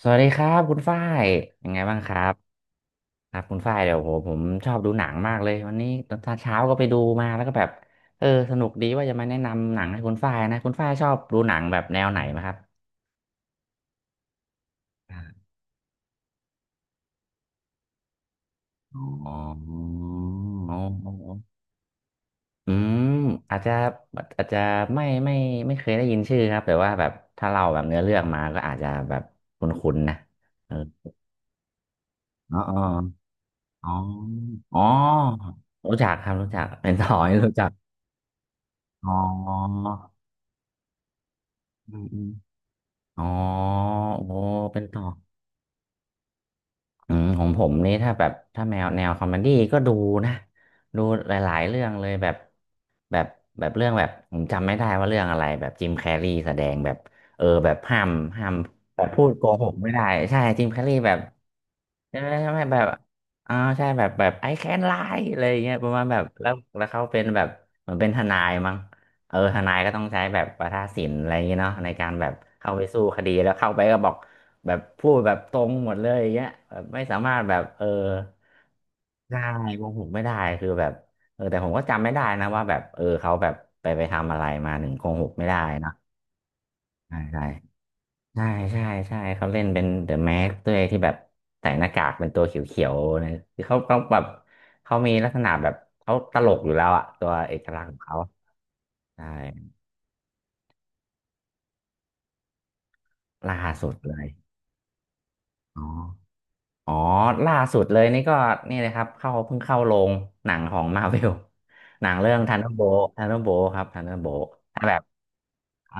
สวัสดีครับคุณฝ้ายยังไงบ้างครับครับคุณฝ้ายเดี๋ยวโหผมชอบดูหนังมากเลยวันนี้ตอนเช้าก็ไปดูมาแล้วก็แบบเออสนุกดีว่าจะมาแนะนำหนังให้คุณฝ้ายนะคุณฝ้ายชอบดูหนังแบบแนวไหนไหมครับอ๋ออ๋ออออ๋ออืมอาจจะอาจจะไม่ไม่เคยได้ยินชื่อครับแต่ว่าแบบถ้าเราแบบเนื้อเรื่องมาก็อาจจะแบบคุ้นๆนะเอออ๋ออ๋ออ๋อรู้จักครับรู้จักเป็น ต่อนี่รู้จักอ๋อ อืมอืมอ๋อโอ้เป็นต่อ อืมของผมนี่ถ้าแบบถ้าแมวแนวคอมเมดี้ก็ดูนะดูหลายๆเรื่องเลยแบบแบบแบบเรื่องแบบผมจำไม่ได้ว่าเรื่องอะไรแบบจิมแคร์รีแสดงแบบเออแบบห้ามแบบพูดโกหกไม่ได้ใช่จิมแคร์รีแบบใช่ไหมใช่ไหมแบบอ่าใช่แบบแบบไอแคนไลอะไรอย่างเงี้ยประมาณแบบแล้วเขาเป็นแบบเหมือนเป็นทนายมั้งเออทนายก็ต้องใช้แบบวาทาศิลป์อะไรอย่างเงี้ยเนาะในการแบบเข้าไปสู้คดีแล้วเข้าไปก็บอก แบบพูดแบบตรงหมดเลยอย่างเงี้ยแบบไม่สามารถแบบเออได้โกหกไม่ได้คือแบบเออแต่ผมก็จำไม่ได้นะว่าแบบเออเขาแบบไปทำอะไรมาถึงโกหกไม่ได้เนอะใช่ใช่ใช่ใช่ใช่เขาเล่นเป็นเดอะแม็กด้วยที่แบบใส่หน้ากากเป็นตัวเขียวๆนะคือเขาเขาแบบเขามีลักษณะแบบเขาตลกอยู่แล้วอะตัวเอกลักษณ์ของเขาใช่ล่าสุดเลยอ๋อ อ๋อล่าสุดเลยนี่ก็นี่เลยครับเข้าเพิ่งเข้าโรงหนังของมา r v เวลหนังเรื่องทันเดอร์โบ t ทันเดอร์โบ t ครับทันเดอร์โบ t ถ้าแบบ อ๋อ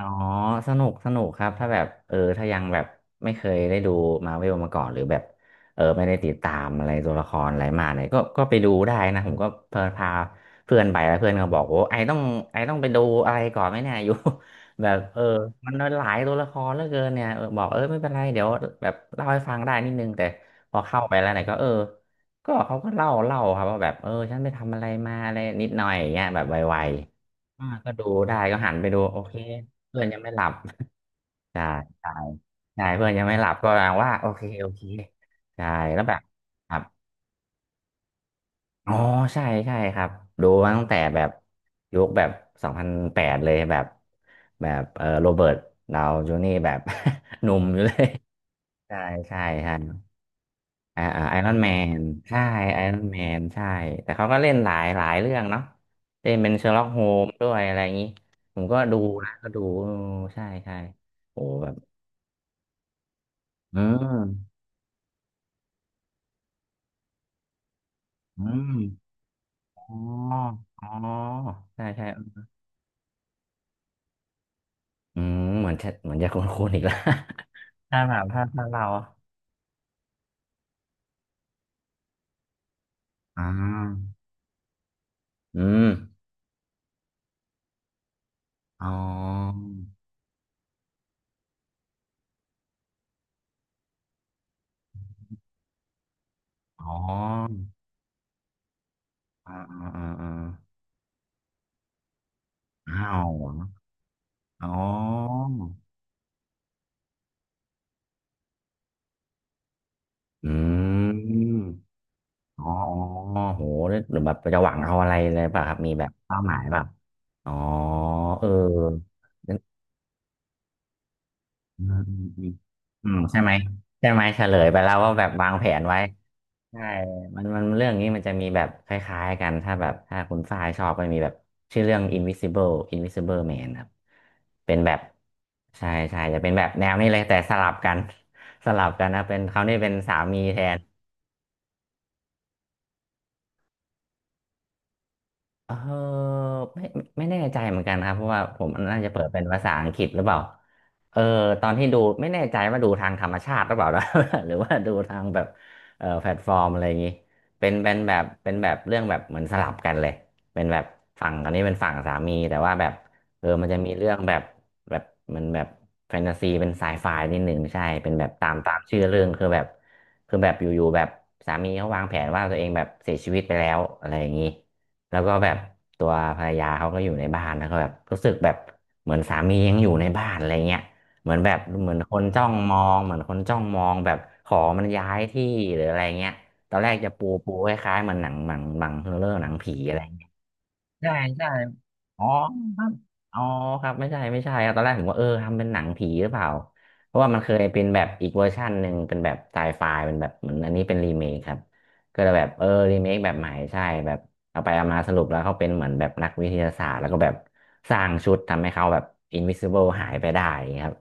สนุกสนุกครับ ถ้าแบบเออถ้ายังแบบไม่เคยได้ดูมาเวลมาก่อนหรือแบบเออไม่ได้ติดตามอะไรตัวละครอะไรมาเนี่ยก็ไปดูได้นะผมก็เพลินพาเพื่อนไปแล้วเพื่อนก็บอกโอ้ไอต้องไอต้องไปดูอะไรก่อนไหมเนี่ย อยู่ แบบเออมันหลายตัวละครเหลือเกินเนี่ยเออบอกเออไม่เป็นไรเดี๋ยวแบบเล่าให้ฟังได้นิดนึงแต่พอเข้าไปแล้วเนี่ยก็เออก็เขาก็เล่าครับว่าแบบเออฉันไปทำอะไรมาอะไรนิดหน่อยอย่างเงี้ยแบบไวๆอ่าก็ดูได้ก็หันไปดูโอเค เพื่อนยังไม่หลับใช่ใช่ใช่เพื่อนยังไม่หลับก็แปลว่าโอเคโอเคใช่แล้วแบบครับอ๋อใช่ใช่ครับดูมาตั้งแต่แบบยุคแบบ2008เลยแบบแบบเออโรเบิร์ตดาวจูนี่แบบ หนุ่มอยู่เลยใช่ใช่ใช่อ่าอ่าไอรอนแมนใช่ไอรอนแมนใช่แต่เขาก็เล่นหลายเรื่องเนาะเล่นเป็นเชอร์ล็อกโฮมด้วยอะไรอย่างนี้ผมก็ดูนะก็ดูเออใช่ใช่โอ้แบบอืม อืมอ๋ออ๋อใช่ใช่อืมเหมือนจะเหมือนจะคุ้นๆอีกแล้ว ถ้าแบบถ้าเราอ่าอืมอ๋ออ๋ออ่าอ่าอ่าอ่าอ้าวอ๋ออืมอ๋ออ๋อโหหรือแบบจะหวังเอาอะไรเลยป่ะครับมีแบบเป้าหมายแบบอ๋อเออ้อืมอืมอืมอืมใช่ไหม ใช่ไหมเฉลยไปแล้วว่าแบบวางแผนไว้ ใช่มันเรื่องนี้มันจะมีแบบคล้ายๆกัน ถ้าแบบถ้าคุณฝ้ายชอบมันมีแบบชื่อเรื่อง Invisible Man ครับเป็นแบบใช่ใช่จะเป็นแบบแนวนี้เลยแต่สลับกัน สลับกันนะเป็นเขาวนี่เป็นสามีแทน เออไม่ไม่แน่ใจเหมือนกันครับเพราะว่าผมน่าจะเปิดเป็นภาษาอังกฤษหรือเปล่าเออตอนที่ดูไม่แน่ใจว่าดูทางธรรมชาติหรือเปล่านะ หรือว่าดูทางแบบเออแพลตฟอร์มอะไรอย่างนี้เป็นแบบเป็นแบบเรื่องแบบเหมือนสลับกันเลยเป็นแบบฝั่งอันนี้เป็นฝั่งสามีแต่ว่าแบบเออมันจะมีเรื่องแบบแบบมันแบบแฟนตาซีเป็นไซไฟนิดหนึ่งใช่เป็นแบบตามตามชื่อเรื่องคือแบบคือแบบอยู่ๆแบบสามีเขาวางแผนว่าตัวเองแบบเสียชีวิตไปแล้วอะไรอย่างนี้ แล้วก็แบบตัวภรรยาเขาก็อยู่ในบ้านแล้วก็แบบรู้สึกแบบเหมือนสามียังอยู่ในบ้านอะไรเงี้ยเหมือนแบบเหมือนคนจ้องมองเหมือนคนจ้องมองแบบขอมันย้ายที่หรืออะไรเงี้ยตอนแรกจะปูคล้ายๆเหมันหนังเรื่องหนังผีอะไร ใช่ใช่อ๋อครับอ๋อครับไม่ใช่ไม่ใช่ครับตอนแรกผมว่าเออทำเป็นหนังผีหรือเปล่าเพราะว่ามันเคยเป็นแบบอีกเวอร์ชันหนึ่งเป็นแบบไซไฟเป็นแบบเหมือนอันนี้เป็นรีเมคครับก็เลยแบบเออรีเมคแบบใหม่ใช่แบบเอาไปเอามาสรุปแล้วเขาเป็นเหมือนแบบนักวิทยาศาสตร์แล้วก็แบบสร้างชุดทำให้เขาแบบ invisible หายไปได้อย่างเงี้ยครับ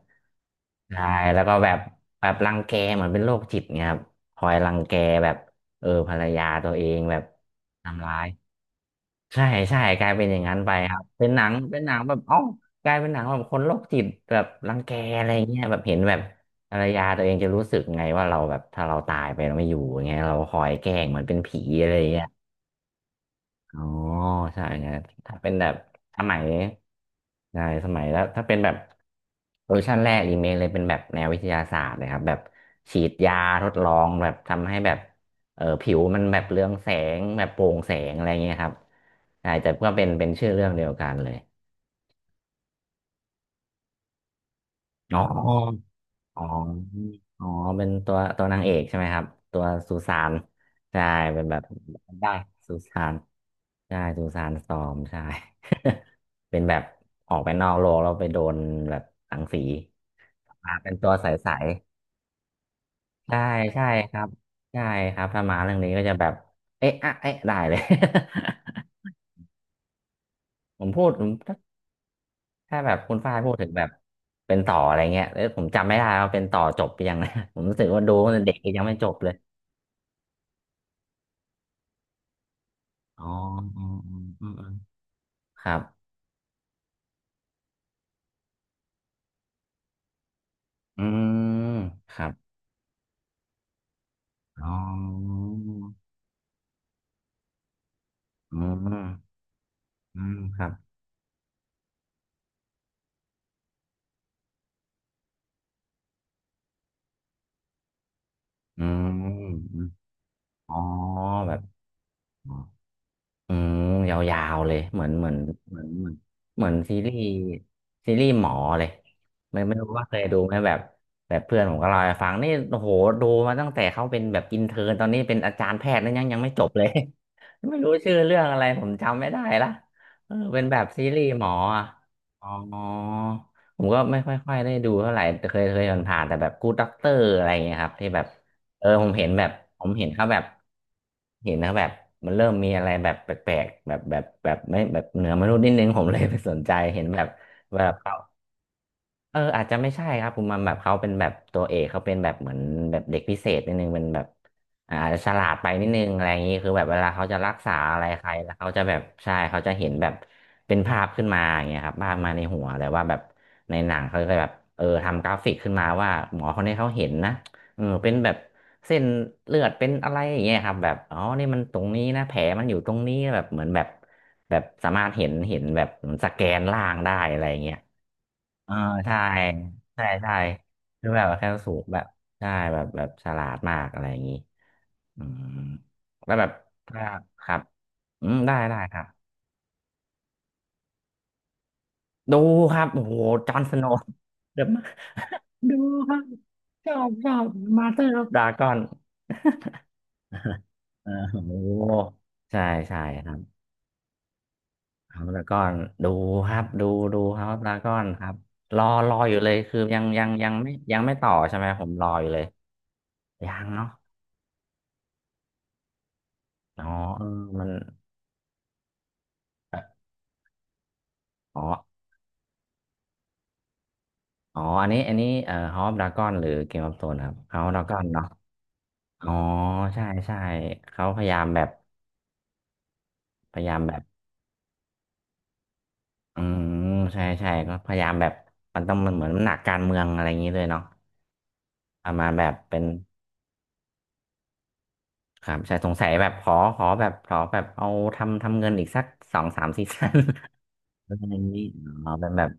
ใช่แล้วก็แบบแบบรังแกเหมือนเป็นโรคจิตเงี้ยครับคอยรังแกแบบเออภรรยาตัวเองแบบทำร้าย ใช่ใช่กลายเป็นอย่างนั้นไปครับเป็นหนังเป็นหนังแบบเอ้ากลายเป็นหนังแบบคนโรคจิตแบบรังแกอะไรเงี้ยแบบเห็นแบบภรรยาตัวเองจะรู้สึกไงว่าเราแบบถ้าเราตายไปเราไม่อยู่อย่างเงี้ยเราคอยแกล้งเหมือนเป็นผีอะไรเงี้ย อ๋อใช่ไงถ้าเป็นแบบสมัยใช่สมัยแล้วถ้าเป็นแบบเวอร์ชันแรกอีเมลเลยเป็นแบบแนววิทยาศาสตร์เลยครับแบบฉีดยาทดลองแบบทำให้แบบเออผิวมันแบบเรืองแสงแบบโปร่งแสงอะไรเงี้ยครับใช่แต่ก็เป็นเป็นชื่อเรื่องเดียวกันเลยอ๋อ อ๋ออ๋อเป็นตัวตัวนางเอกใช่ไหมครับตัวสุสานใช่เป็นแบบได้สุสานใช่สุสานซอมใช่ เป็นแบบออกไปนอกโลกแล้วไปโดนแบบรังสีมาเป็นตัวใสๆใช่ใช่ครับใช่ครับถ้ามาเรื่องนี้ก็จะแบบเอ๊ะอะเอ๊ะได้เลย ผมพูดผมถ้าแบบคุณฝ้ายพูดถึงแบบเป็นต่ออะไรเงี้ยแล้วผมจำไม่ได้ว่าเป็นต่อจบหยังนะ ผมรู้สึกว่าดูตั้งแต่เด็กยังไม่จบเลย อ๋ออืมอืมอืมอืมครับอืมครับอ๋ออืมอืมครับอืมอมอ๋อแบบ อืมยาวๆเลยเหมือนเหมือนเหมือนเหมือนเหมือนซีรีส์ซีรีส์หมอเลยไม่ไม่รู้ว่าเคยดูไหมแบบแบบเพื่อนผมก็เล่าให้ฟังนี่โอ้โหดูมาตั้งแต่เขาเป็นแบบอินเทอร์ตอนนี้เป็นอาจารย์แพทย์แล้วยังยังไม่จบเลย ไม่รู้ชื่อเรื่องอะไรผมจำไม่ได้ละเออเป็นแบบซีรีส์หมออะอ๋อผมก็ไม่ค่อยค่อยได้ดูเท่าไหร่แต่เคยเคยผ่านๆแต่แบบกู OD ด็อกเตอร์อะไรอย่างเงี้ยครับที่แบบ เออผมเห็นแบบผมเห็นเขาแบบเห็นนะแบบมันเริ่มมีอะไรแบบแปลกๆแบบแบบแบบไม่แบบเหนือมนุษย์นิดนึงผมเลยไปสนใจเห็นแบบแบบเขา เอออาจจะไม่ใช่ครับคุณมันแบบเขาเป็นแบบตัวเอกเขาเป็นแบบเหมือนแบบเด็กพิเศษนิดนึงเป็นแบบอาจจะฉลาดไปนิดนึงอะไรอย่างนี้คือแบบเวลาเขาจะรักษาอะไรใครแล้วเขาจะแบบใช่เขาจะเห็นแบบเป็นภาพขึ้นมาอย่างเงี้ยครับภาพมาในหัวแต่ว่าแบบในหนังเขาจะแบบเออทำกราฟิกขึ้นมาว่าหมอคนนี้เขาเห็นนะเออเป็นแบบเส้นเลือดเป็นอะไรอย่างเงี้ยครับแบบอ๋อนี่มันตรงนี้นะแผลมันอยู่ตรงนี้แบบเหมือนแบบแบบสามารถเห็นเห็นแบบเหมือนสแกนล่างได้อะไรอย่างเงี้ย อ่าใช่ใช่ใช่คือแบบแคลสูตรแบบใช่แบบแบบฉลาดมากอะไรอย่างนี้อืมแล้วแบบถ้าครับอืมได้ได้ครับดูครับโอ้โหจอห์นสโนว์เดอะมาดูครับชอบชอบมาสเตอร์ออฟดากอน โอ้โหใช่ใช่ครับเอาดากอนดูครับดูดูครับดากอนครับรอรออยู่เลยคือยังยังยังไม่ยังไม่ต่อใช่ไหมผมรออยู่เลยยังเนาะ อ๋อเออมันเอออ๋ออ๋อ อันนี้ อันนี้ฮอปดราก้อนหรือเกมออฟโธนครับเฮาดราก้อนเนาะอ๋อใช่ใช่เขาพยายามแบบพยายามแบบอืมใช่ใช่ก็พยายามแบบ มันต้องมันเหมือนมันหนักการเมืองอะไรอย่างนี้เลยเนาะเอามาแบบเป็นครับใช่สงสัยแบบขอขอแบบขอแบบเอาทำทำเงินอีกสัก2-3ซีซั่น อะไรอย่างนี้อ๋อเป็นแบบ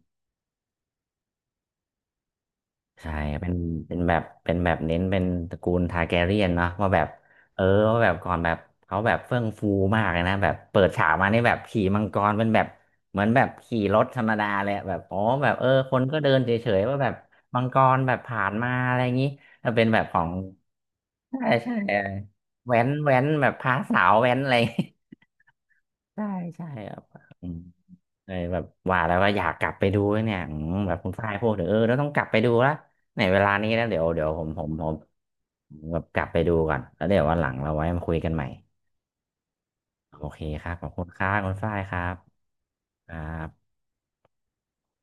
ใช่เป็นเป็นแบบเป็นแบบเน้นเป็นตระกูลทาแกเรียนเนาะว่าแบบเออว่าแบบก่อนแบบเขาแบบเฟื่องฟูมากเลยนะแบบเปิดฉากมานี่แบบขี่มังกรเป็นแบบเหมือนแบบขี่รถธรรมดาเลยแบบอ๋อแบบเออคนก็เดินเฉยๆว่าแบบมังกรแบบผ่านมาอะไรอย่างนี้แล้วเป็นแบบของใช่ใช่แว้นแว้นแบบพาสาวแว้นอะไร ใช่ใช่ครับอืมเลยแบบว่าแล้วก็อยากกลับไปดูเนี่ยอืมแบบคุณฝ้ายพูดถึงเออเราต้องกลับไปดูละในเวลานี้แล้วเดี๋ยวเดี๋ยวผมผมผมแบบกลับไปดูก่อนแล้วเดี๋ยววันหลังเราไว้มาคุยกันใหม่โอเคครับขอบคุณครับคุณฝ้ายครับครับ